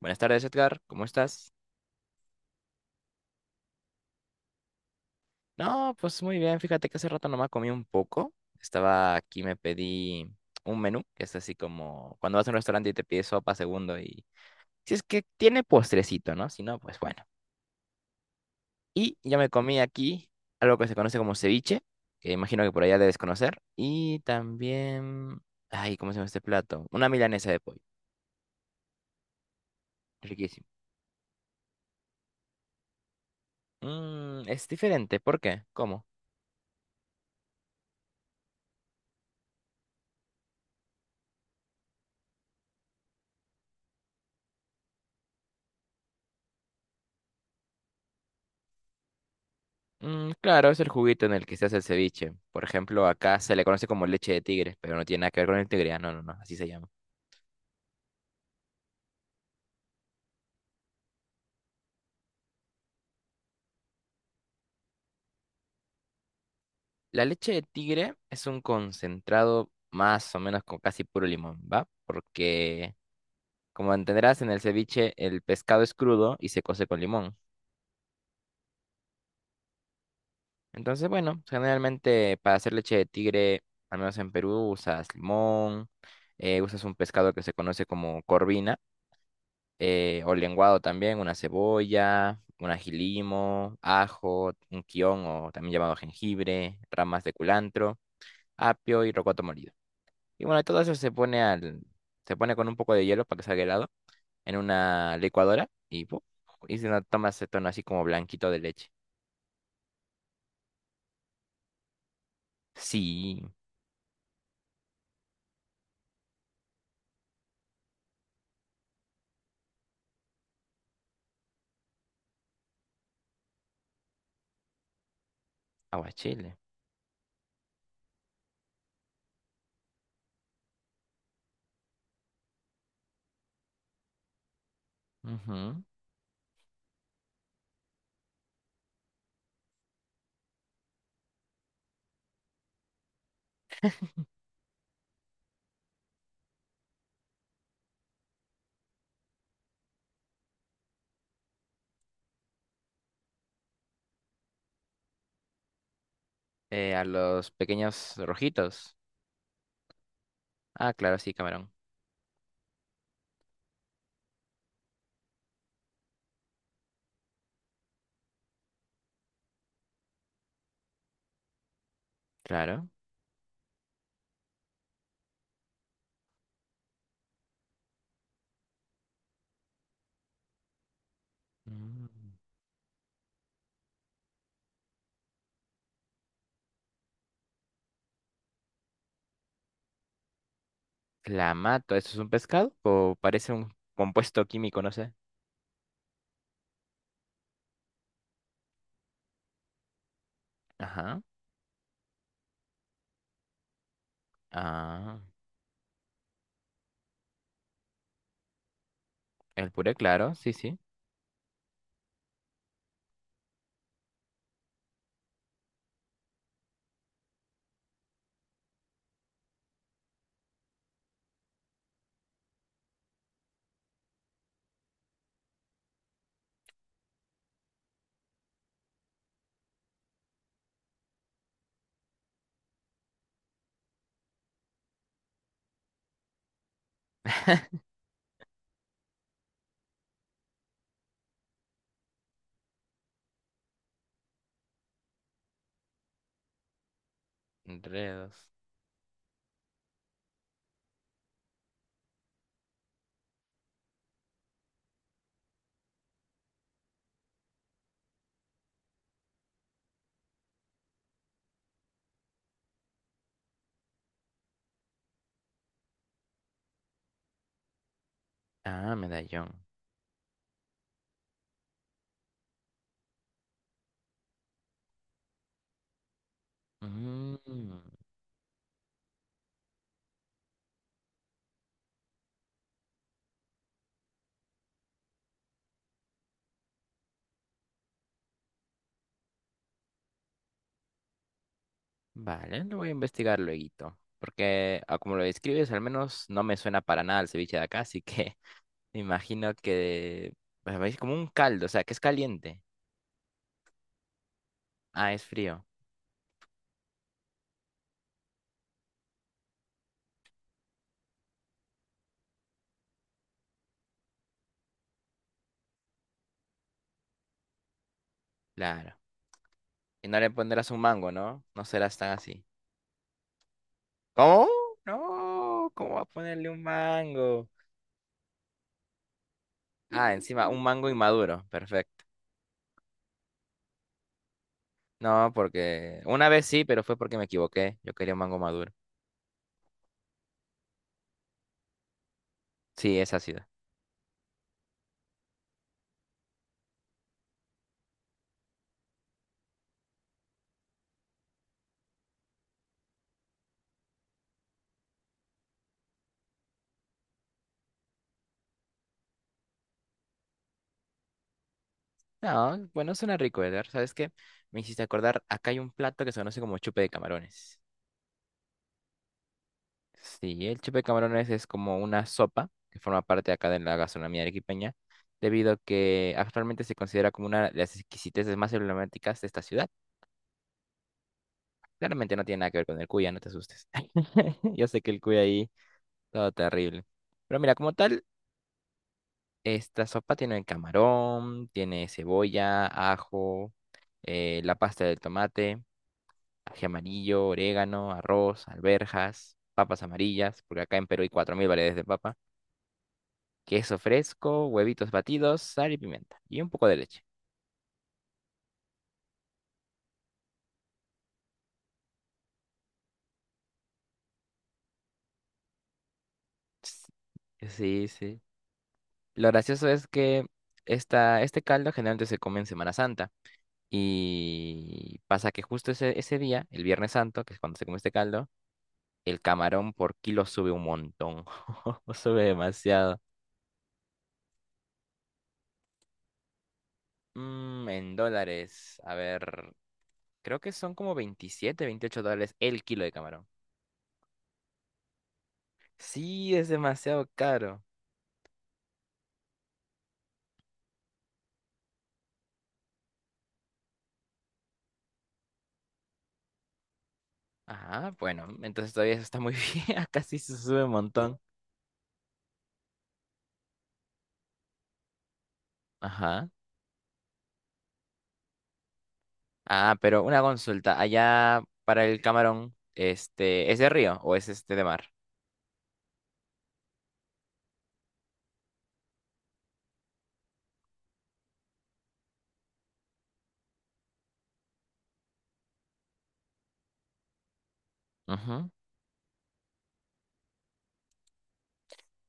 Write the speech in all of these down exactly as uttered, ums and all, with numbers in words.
Buenas tardes, Edgar. ¿Cómo estás? No, pues muy bien. Fíjate que hace rato nomás comí un poco. Estaba aquí, me pedí un menú, que es así como cuando vas a un restaurante y te pides sopa segundo y si es que tiene postrecito, ¿no? Si no, pues bueno. Y yo me comí aquí algo que se conoce como ceviche, que imagino que por allá debes conocer. Y también, ay, ¿cómo se llama este plato? Una milanesa de pollo. Riquísimo. Mm, es diferente. ¿Por qué? ¿Cómo? Mm, claro, es el juguito en el que se hace el ceviche. Por ejemplo, acá se le conoce como leche de tigre, pero no tiene nada que ver con el tigre. Ah, no, no, no, así se llama. La leche de tigre es un concentrado más o menos con casi puro limón, ¿va? Porque, como entenderás, en el ceviche el pescado es crudo y se cose con limón. Entonces, bueno, generalmente para hacer leche de tigre, al menos en Perú, usas limón, eh, usas un pescado que se conoce como corvina eh, o lenguado también, una cebolla, un ajilimo, ajo, un quión o también llamado jengibre, ramas de culantro, apio y rocoto molido. Y bueno, todo eso se pone al, se pone con un poco de hielo para que salga helado en una licuadora y, ¡pum!, y se nos toma ese tono así como blanquito de leche. Sí, aguachile. Ujú. Eh, a los pequeños rojitos. Ah, claro, sí, camarón. Claro. Mm. Clamato, ¿eso es un pescado? ¿O parece un compuesto químico, no sé? Ajá. Ah, el puré, claro, sí, sí. Enredos. Ah, medallón. Mm, vale, lo voy a investigar luego. Porque, ah, como lo describes, al menos no me suena para nada el ceviche de acá, así que me imagino que pues, es como un caldo, o sea, que es caliente. Ah, es frío, claro. Y no le pondrás un mango, ¿no? No serás tan así. ¿Cómo? No, ¿cómo va a ponerle un mango? Ah, encima, un mango inmaduro. Perfecto. No, porque una vez sí, pero fue porque me equivoqué. Yo quería un mango maduro. Sí, es ácido. No, bueno, suena rico, Edgar. ¿Sabes qué? Me hiciste acordar, acá hay un plato que se conoce como chupe de camarones. Sí, el chupe de camarones es como una sopa que forma parte acá de la gastronomía arequipeña, debido a que actualmente se considera como una de las exquisiteces más emblemáticas de esta ciudad. Claramente no tiene nada que ver con el cuya, no te asustes. Yo sé que el cuya ahí, todo terrible. Pero mira, como tal, esta sopa tiene camarón, tiene cebolla, ajo, eh, la pasta del tomate, ají amarillo, orégano, arroz, alberjas, papas amarillas, porque acá en Perú hay cuatro mil variedades de papa, queso fresco, huevitos batidos, sal y pimienta, y un poco de leche. Ts- sí, sí. Lo gracioso es que esta, este caldo generalmente se come en Semana Santa, y pasa que justo ese, ese día, el Viernes Santo, que es cuando se come este caldo, el camarón por kilo sube un montón. Sube demasiado. Mm, en dólares. A ver. Creo que son como veintisiete veintiocho dólares el kilo de camarón. Sí, es demasiado caro. Ajá, bueno, entonces todavía eso está muy bien. Casi se sube un montón. Ajá. Ah, pero una consulta. Allá para el camarón, este, ¿es de río o es este de mar? Ujú.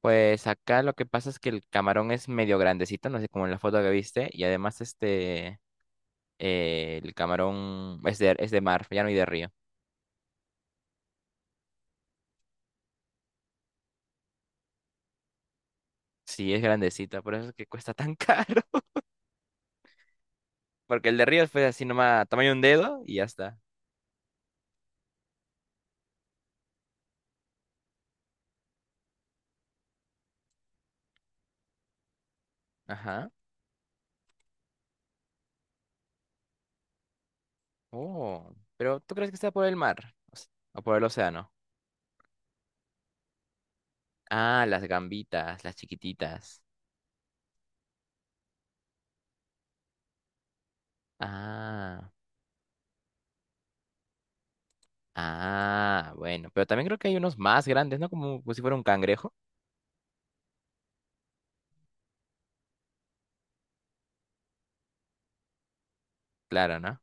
Pues acá lo que pasa es que el camarón es medio grandecito, no sé, como en la foto que viste, y además este Eh, el camarón es de, es de mar, ya no hay de río. Sí, es grandecita, por eso es que cuesta tan caro. Porque el de río fue así nomás, tamaño de un dedo y ya está. Ajá. Oh, pero ¿tú crees que está por el mar? O s- o por el océano? Ah, las gambitas, las chiquititas. Ah, ah, bueno. Pero también creo que hay unos más grandes, ¿no? Como, como si fuera un cangrejo. Claro, ¿no?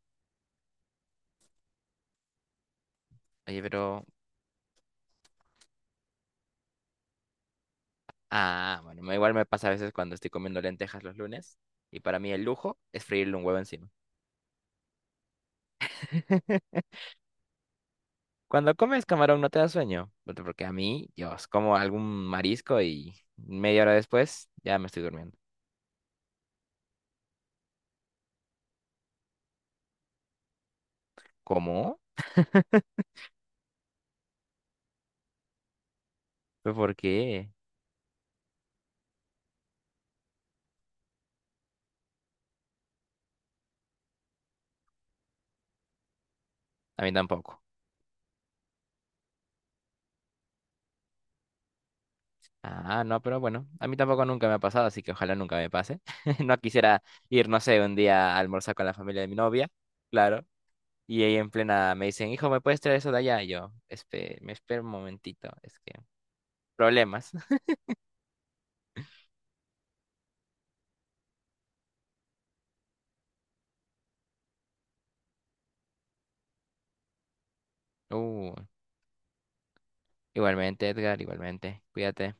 Oye, pero... Ah, bueno, me- igual me pasa a veces cuando estoy comiendo lentejas los lunes. Y para mí el lujo es freírle un huevo encima. Cuando comes camarón no te da sueño, porque porque a mí, yo como algún marisco y media hora después ya me estoy durmiendo. ¿Cómo? ¿Pero por qué? A mí tampoco. Ah, no, pero bueno, a mí tampoco nunca me ha pasado, así que ojalá nunca me pase. No quisiera ir, no sé, un día a almorzar con la familia de mi novia, claro. Y ahí en plena me dicen, hijo, ¿me puedes traer eso de allá? Y yo, "Espe- me espero un momentito, es que problemas". Uh, igualmente, Edgar, igualmente, cuídate.